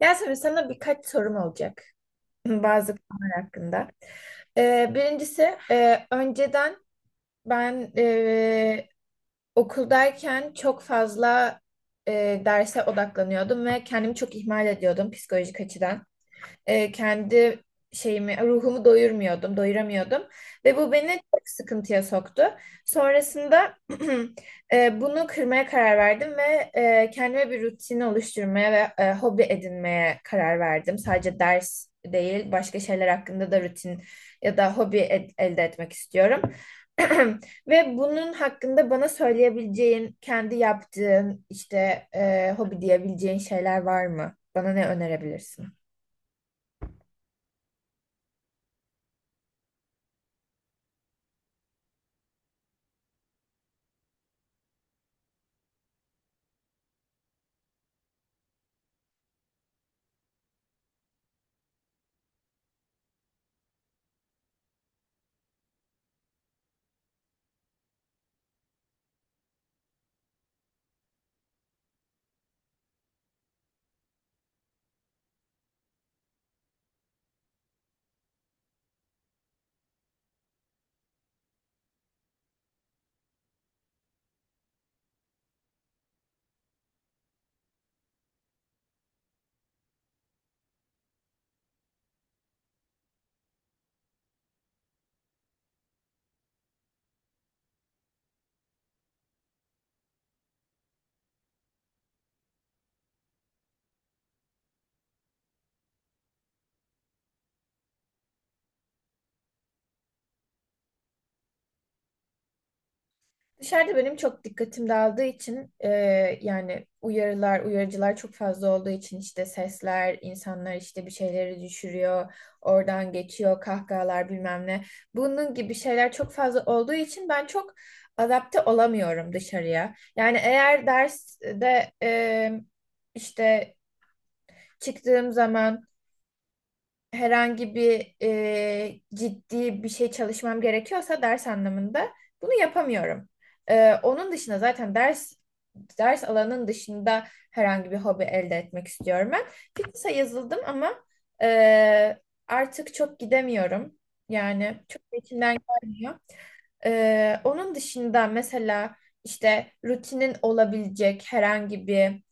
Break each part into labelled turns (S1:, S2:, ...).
S1: Yasemin, sana birkaç sorum olacak bazı konular hakkında. Birincisi önceden ben okuldayken çok fazla derse odaklanıyordum ve kendimi çok ihmal ediyordum psikolojik açıdan. Kendi şeyimi, ruhumu doyurmuyordum, doyuramıyordum. Ve bu beni çok sıkıntıya soktu. Sonrasında bunu kırmaya karar verdim ve kendime bir rutin oluşturmaya ve hobi edinmeye karar verdim. Sadece ders değil, başka şeyler hakkında da rutin ya da elde etmek istiyorum. Ve bunun hakkında bana söyleyebileceğin, kendi yaptığın, işte hobi diyebileceğin şeyler var mı? Bana ne önerebilirsin? Dışarıda benim çok dikkatim dağıldığı için, yani uyarılar, uyarıcılar çok fazla olduğu için işte sesler, insanlar işte bir şeyleri düşürüyor, oradan geçiyor, kahkahalar bilmem ne. Bunun gibi şeyler çok fazla olduğu için ben çok adapte olamıyorum dışarıya. Yani eğer derste işte çıktığım zaman herhangi bir ciddi bir şey çalışmam gerekiyorsa ders anlamında bunu yapamıyorum. Onun dışında zaten ders alanının dışında herhangi bir hobi elde etmek istiyorum ben. Fitness'a yazıldım ama e, artık çok gidemiyorum. Yani çok da içimden gelmiyor. Onun dışında mesela işte rutinin olabilecek herhangi bir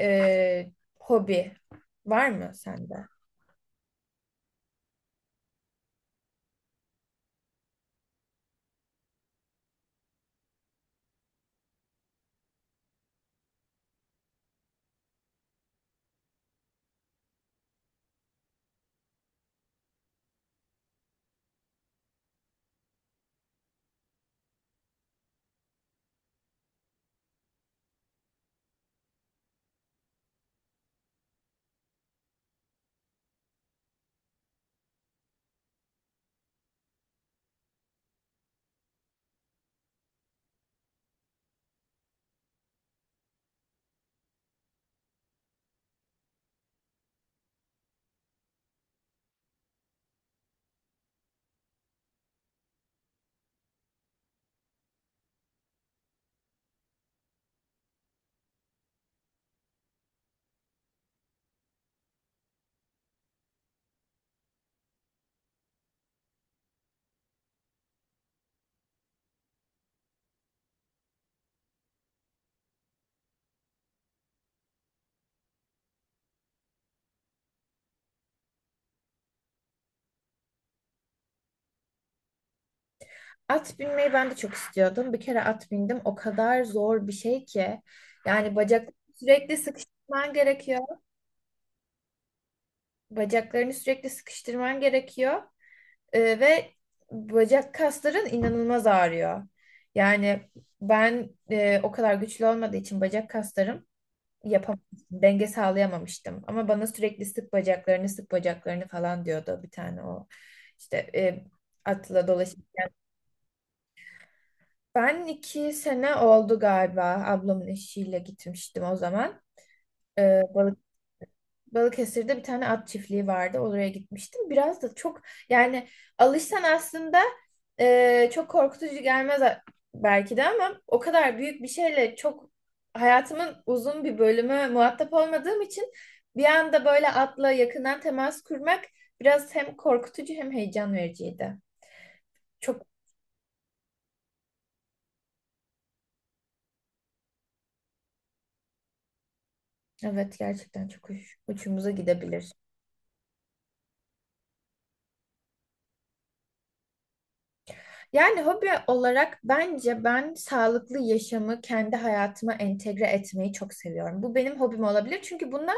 S1: e, hobi var mı sende? At binmeyi ben de çok istiyordum. Bir kere at bindim. O kadar zor bir şey ki! Yani bacak sürekli sıkıştırman gerekiyor. Bacaklarını sürekli sıkıştırman gerekiyor. Ve bacak kasların inanılmaz ağrıyor. Yani ben o kadar güçlü olmadığı için bacak kaslarım, yapamamıştım, denge sağlayamamıştım. Ama bana sürekli sık bacaklarını, sık bacaklarını falan diyordu bir tane o işte, atla dolaşıp. Ben iki sene oldu galiba, ablamın eşiyle gitmiştim o zaman. Ee, Balıkesir'de bir tane at çiftliği vardı. Oraya gitmiştim. Biraz da çok, yani alışsan aslında çok korkutucu gelmez belki de, ama o kadar büyük bir şeyle çok, hayatımın uzun bir bölümü muhatap olmadığım için bir anda böyle atla yakından temas kurmak biraz hem korkutucu hem heyecan vericiydi. Çok evet, gerçekten çok uçumuza gidebilir. Yani hobi olarak bence ben sağlıklı yaşamı kendi hayatıma entegre etmeyi çok seviyorum. Bu benim hobim olabilir, çünkü bundan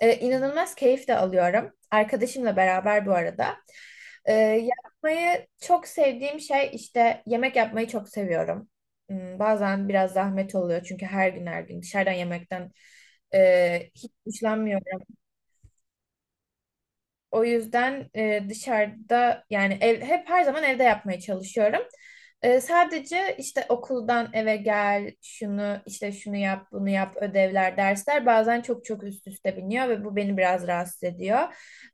S1: inanılmaz keyif de alıyorum. Arkadaşımla beraber bu arada. Yapmayı çok sevdiğim şey, işte yemek yapmayı çok seviyorum. Bazen biraz zahmet oluyor, çünkü her gün her gün dışarıdan yemekten hiç hoşlanmıyorum. O yüzden dışarıda yani ev, hep her zaman evde yapmaya çalışıyorum. Sadece işte okuldan eve gel, şunu işte şunu yap, bunu yap, ödevler, dersler bazen çok çok üst üste biniyor ve bu beni biraz rahatsız ediyor.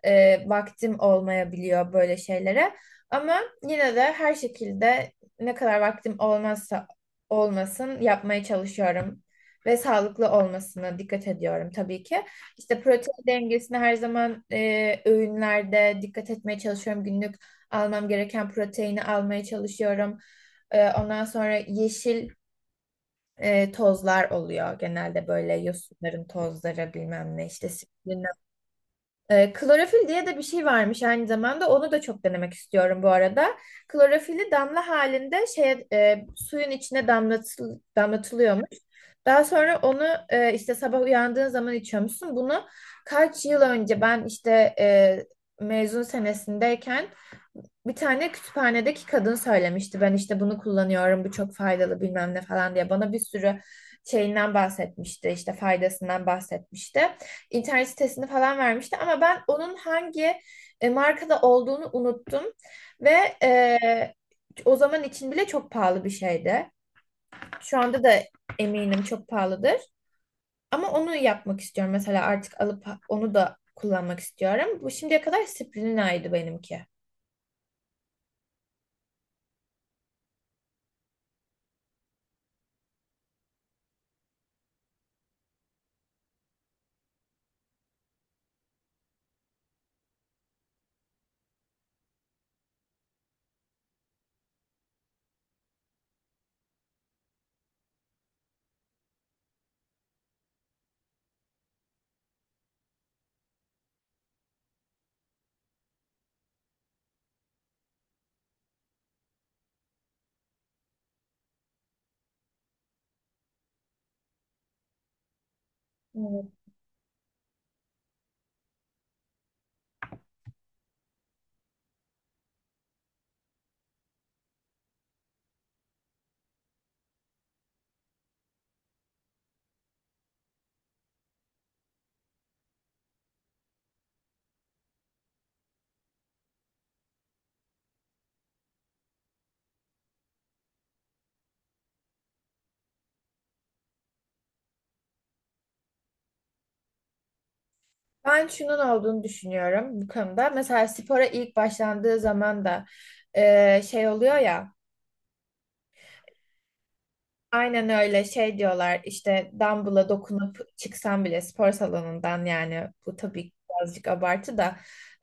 S1: Vaktim olmayabiliyor böyle şeylere. Ama yine de her şekilde, ne kadar vaktim olmazsa olmasın yapmaya çalışıyorum ve sağlıklı olmasına dikkat ediyorum tabii ki. İşte protein dengesine her zaman öğünlerde dikkat etmeye çalışıyorum. Günlük almam gereken proteini almaya çalışıyorum. Ondan sonra yeşil tozlar oluyor genelde, böyle yosunların tozları bilmem ne işte, klorofil diye de bir şey varmış aynı zamanda. Onu da çok denemek istiyorum bu arada. Klorofili damla halinde şeye, suyun içine damlatıl, damlatılıyormuş. Daha sonra onu işte sabah uyandığın zaman içiyormuşsun. Bunu kaç yıl önce ben işte mezun senesindeyken bir tane kütüphanedeki kadın söylemişti. Ben işte bunu kullanıyorum, bu çok faydalı bilmem ne falan diye. Bana bir sürü şeyinden bahsetmişti, işte faydasından bahsetmişti. İnternet sitesini falan vermişti ama ben onun hangi markada olduğunu unuttum. Ve e, o zaman için bile çok pahalı bir şeydi. Şu anda da eminim çok pahalıdır. Ama onu yapmak istiyorum. Mesela artık alıp onu da kullanmak istiyorum. Bu şimdiye kadar Sprina'ydı benimki. Evet. Ben şunun olduğunu düşünüyorum bu konuda. Mesela spora ilk başlandığı zaman da şey oluyor ya, aynen öyle şey diyorlar işte, dumbbell'a dokunup çıksan bile spor salonundan, yani bu tabii birazcık abartı da,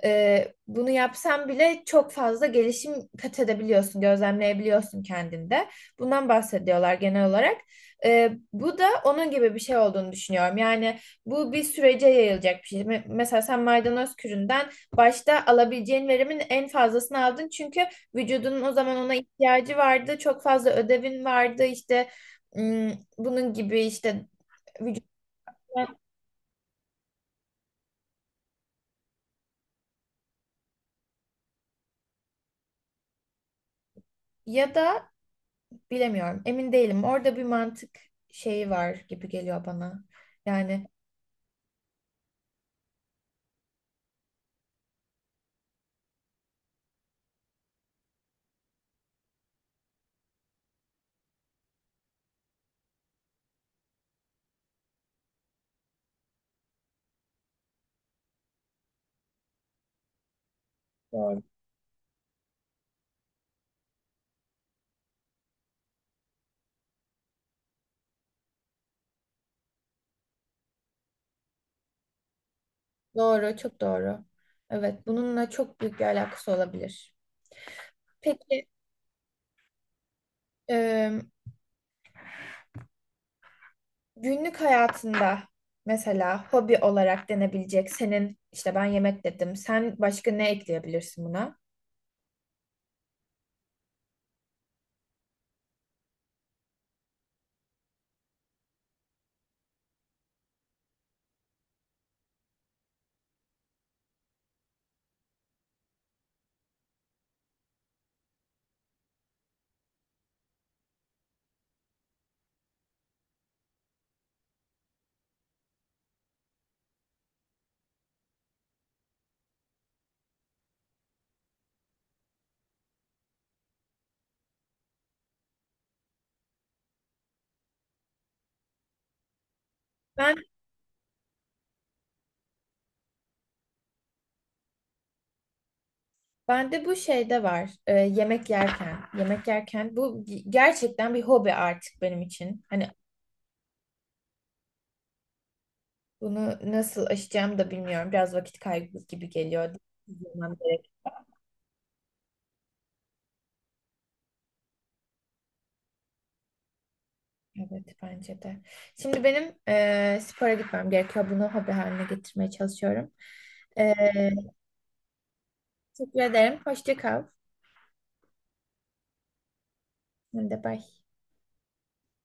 S1: bunu yapsan bile çok fazla gelişim kat edebiliyorsun, gözlemleyebiliyorsun kendinde. Bundan bahsediyorlar genel olarak. Bu da onun gibi bir şey olduğunu düşünüyorum. Yani bu bir sürece yayılacak bir şey. Mesela sen maydanoz küründen başta alabileceğin verimin en fazlasını aldın, çünkü vücudunun o zaman ona ihtiyacı vardı, çok fazla ödevin vardı işte, bunun gibi işte vücut, ya da bilemiyorum, emin değilim. Orada bir mantık şeyi var gibi geliyor bana. Yani doğru, çok doğru. Evet, bununla çok büyük bir alakası olabilir. Peki, ım, günlük hayatında mesela hobi olarak denebilecek, senin işte ben yemek dedim. Sen başka ne ekleyebilirsin buna? Ben Bende bu şeyde var. Yemek yerken, yemek yerken bu gerçekten bir hobi artık benim için. Hani bunu nasıl aşacağım da bilmiyorum. Biraz vakit kaybı gibi geliyor. Evet bence de. Şimdi benim spora gitmem gerekiyor. Bunu hobi haline getirmeye çalışıyorum. Eee Teşekkür ederim. Hoşça kal. Ben de bye.